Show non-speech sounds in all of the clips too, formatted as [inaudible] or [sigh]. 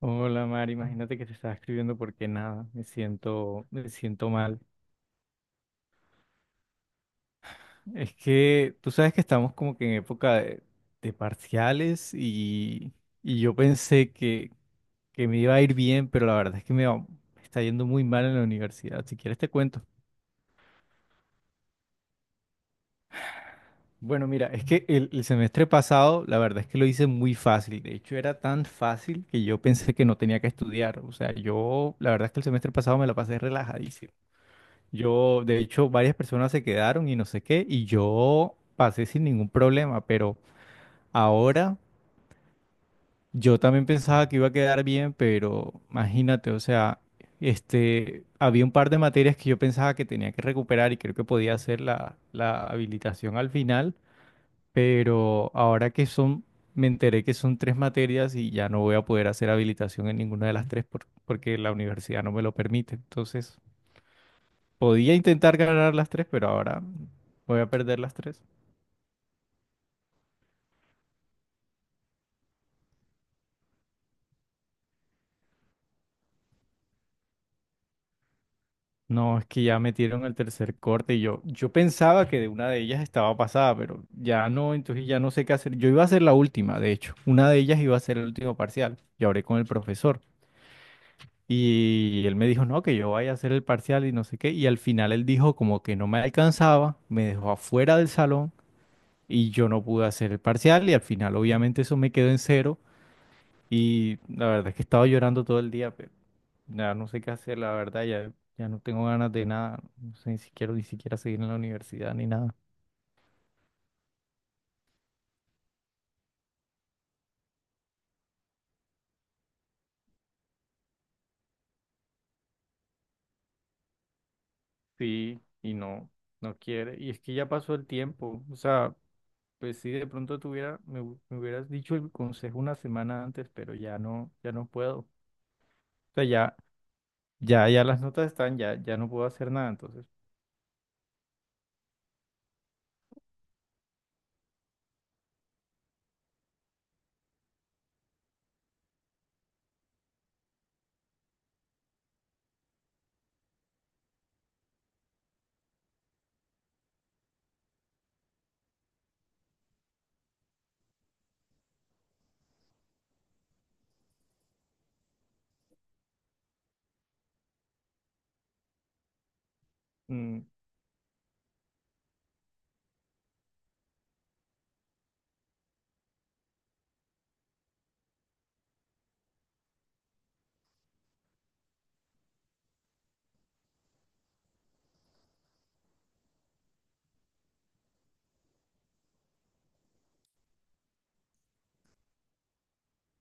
Hola, Mari, imagínate que te estaba escribiendo porque nada, me siento mal. Es que tú sabes que estamos como que en época de parciales y yo pensé que me iba a ir bien, pero la verdad es que me está yendo muy mal en la universidad. Si quieres te cuento. Bueno, mira, es que el semestre pasado la verdad es que lo hice muy fácil. De hecho, era tan fácil que yo pensé que no tenía que estudiar. O sea, yo la verdad es que el semestre pasado me la pasé relajadísimo. Yo, de hecho, varias personas se quedaron y no sé qué, y yo pasé sin ningún problema, pero ahora yo también pensaba que iba a quedar bien, pero imagínate, o sea, este, había un par de materias que yo pensaba que tenía que recuperar y creo que podía hacer la habilitación al final, pero ahora que son, me enteré que son tres materias y ya no voy a poder hacer habilitación en ninguna de las tres porque la universidad no me lo permite, entonces... Podía intentar ganar las tres, pero ahora voy a perder las tres. No, es que ya metieron el tercer corte y yo pensaba que de una de ellas estaba pasada, pero ya no, entonces ya no sé qué hacer. Yo iba a hacer la última, de hecho. Una de ellas iba a ser el último parcial. Yo hablé con el profesor y él me dijo, no, que yo vaya a hacer el parcial y no sé qué. Y al final él dijo como que no me alcanzaba, me dejó afuera del salón y yo no pude hacer el parcial y al final obviamente eso me quedó en cero. Y la verdad es que estaba llorando todo el día, pero ya no sé qué hacer, la verdad, ya, ya no tengo ganas de nada, no sé ni siquiera, ni siquiera seguir en la universidad ni nada. Sí, y no, no quiere. Y es que ya pasó el tiempo, o sea, pues si de pronto me hubieras dicho el consejo una semana antes, pero ya no, ya no puedo. O sea, ya, ya, ya las notas están, ya, ya no puedo hacer nada, entonces. mm,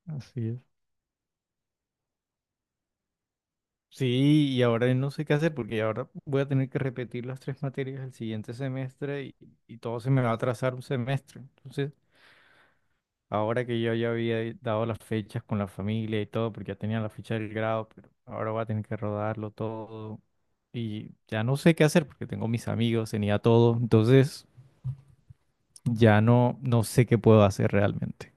Así es. Sí, y ahora no sé qué hacer porque ahora voy a tener que repetir las tres materias el siguiente semestre y todo se me va a atrasar un semestre. Entonces, ahora que yo ya había dado las fechas con la familia y todo, porque ya tenía la fecha del grado, pero ahora voy a tener que rodarlo todo y ya no sé qué hacer porque tengo mis amigos, tenía todo, entonces ya no, no sé qué puedo hacer realmente.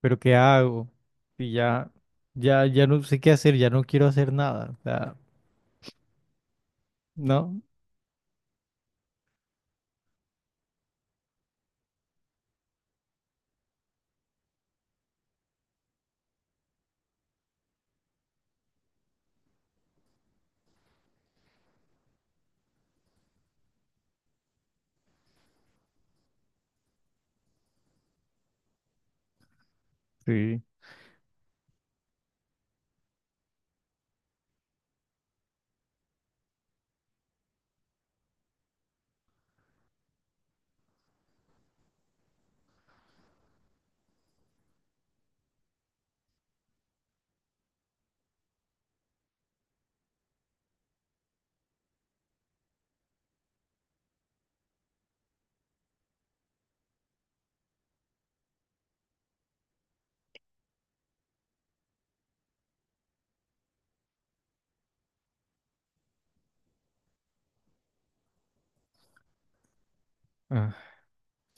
Pero ¿qué hago? Y ya, ya, ya no sé qué hacer, ya no quiero hacer nada. O sea, ¿no? Sí.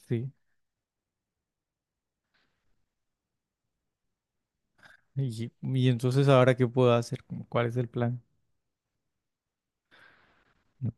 Sí. Y entonces ahora qué puedo hacer, como, ¿cuál es el plan? No,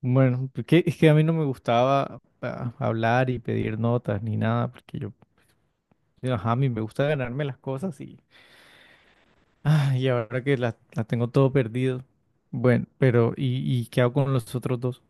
bueno, porque es que a mí no me gustaba hablar y pedir notas ni nada, porque yo, ajá, a mí me gusta ganarme las cosas y ahora que las tengo todo perdido. Bueno, pero y qué hago con los otros dos?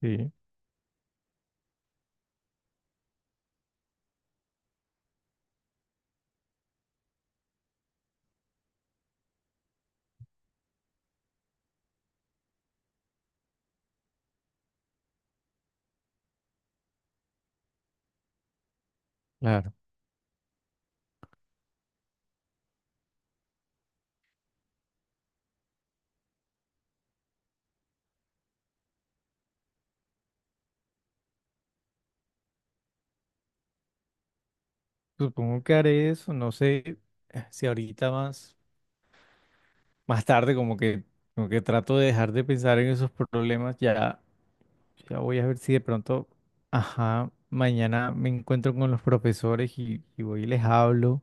Sí, claro. Supongo que haré eso, no sé si más tarde como que trato de dejar de pensar en esos problemas ya. Ya voy a ver si de pronto, ajá, mañana me encuentro con los profesores y voy y les hablo,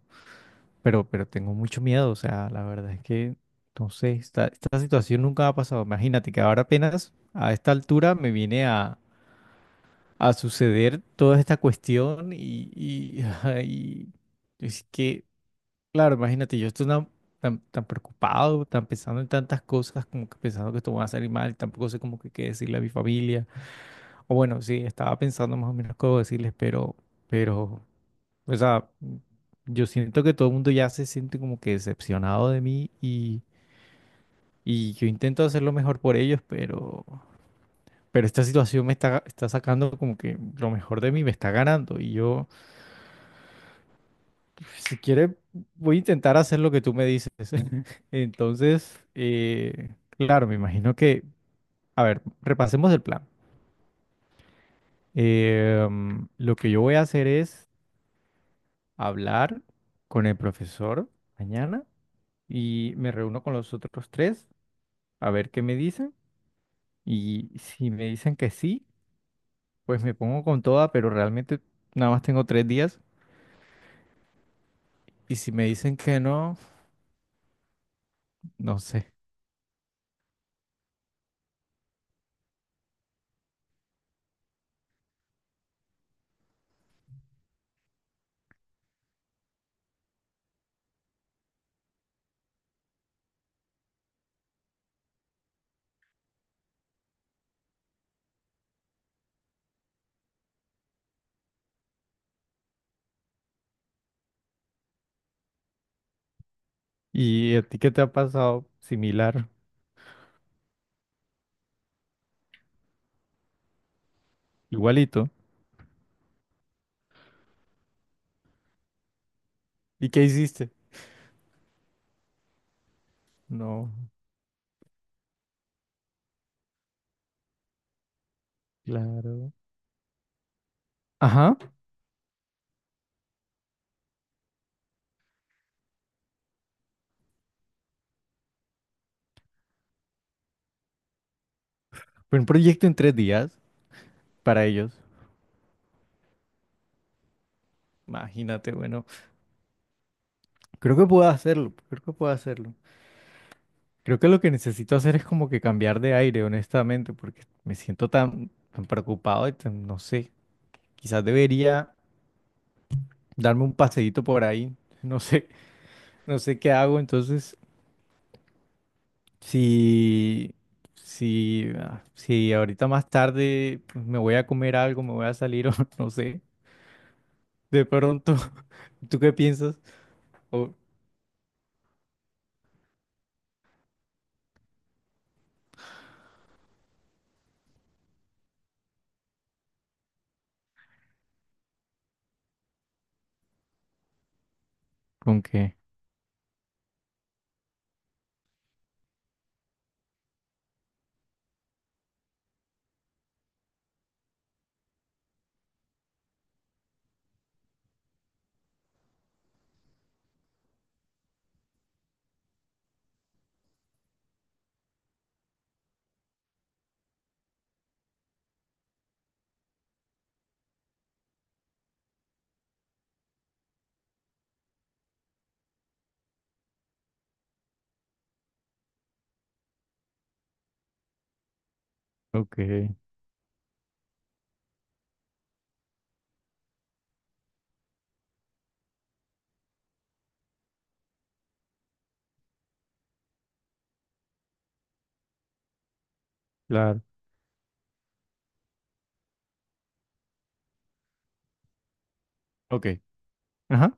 pero tengo mucho miedo, o sea, la verdad es que, no sé, esta situación nunca ha pasado. Imagínate que ahora apenas a esta altura me viene a suceder toda esta cuestión [laughs] ajá, y es que, claro, imagínate, yo estoy tan, tan, tan preocupado, tan pensando en tantas cosas, como que pensando que esto va a salir mal, tampoco sé como que qué decirle a mi familia. O bueno, sí, estaba pensando más o menos cómo decirles, pero, o sea, yo siento que todo el mundo ya se siente como que decepcionado de mí y yo intento hacer lo mejor por ellos, pero esta situación está sacando como que lo mejor de mí, me está ganando y yo, si quiere, voy a intentar hacer lo que tú me dices. [laughs] Entonces, claro, me imagino que, a ver, repasemos el plan. Lo que yo voy a hacer es hablar con el profesor mañana y me reúno con los otros tres a ver qué me dicen. Y si me dicen que sí, pues me pongo con toda, pero realmente nada más tengo tres días. Y si me dicen que no, [laughs] no sé. ¿Y a ti qué te ha pasado? Similar, igualito. ¿Y qué hiciste? No, claro. Ajá, fue un proyecto en tres días para ellos. Imagínate, bueno, creo que puedo hacerlo, creo que puedo hacerlo. Creo que lo que necesito hacer es como que cambiar de aire, honestamente, porque me siento tan, tan preocupado y tan- no sé, quizás debería darme un paseíto por ahí, no sé, [laughs] no sé qué hago, entonces si, si, si ahorita más tarde pues, me voy a comer algo, me voy a salir o [laughs] no sé, de pronto, [laughs] ¿tú qué piensas? O, ¿con qué? Ok, claro, ok, ajá.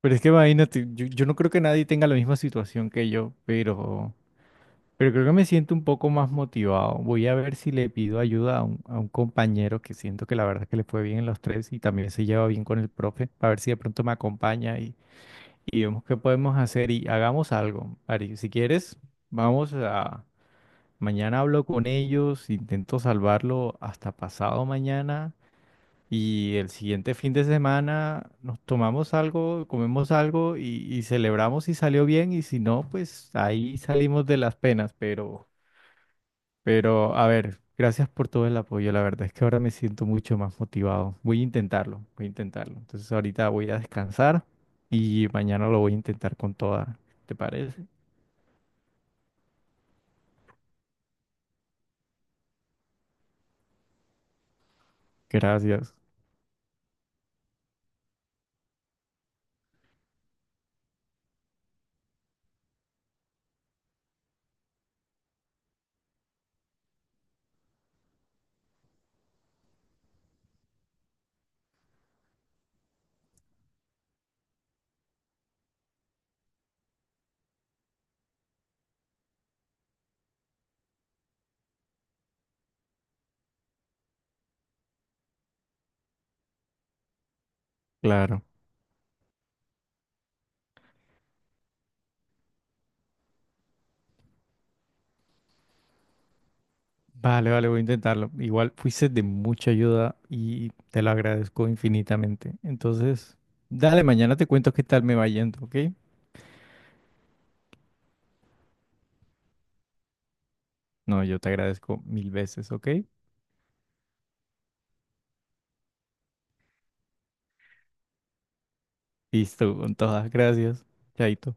Pero es que imagínate, yo no creo que nadie tenga la misma situación que yo, pero... Pero creo que me siento un poco más motivado. Voy a ver si le pido ayuda a a un compañero que siento que la verdad es que le fue bien en los tres y también se lleva bien con el profe, para ver si de pronto me acompaña y vemos qué podemos hacer y hagamos algo. Ari, si quieres, vamos a... Mañana hablo con ellos, intento salvarlo hasta pasado mañana y el siguiente fin de semana nos tomamos algo, comemos algo y celebramos si salió bien y si no, pues ahí salimos de las penas, pero... Pero, a ver, gracias por todo el apoyo. La verdad es que ahora me siento mucho más motivado. Voy a intentarlo, voy a intentarlo. Entonces ahorita voy a descansar y mañana lo voy a intentar con toda. ¿Te parece? Gracias. Claro. Vale, vale, voy a intentarlo. Igual fuiste de mucha ayuda y te lo agradezco infinitamente. Entonces, dale, mañana te cuento qué tal me va yendo, ¿ok? No, yo te agradezco mil veces, ¿ok? Listo, con todas. Gracias. Chaito.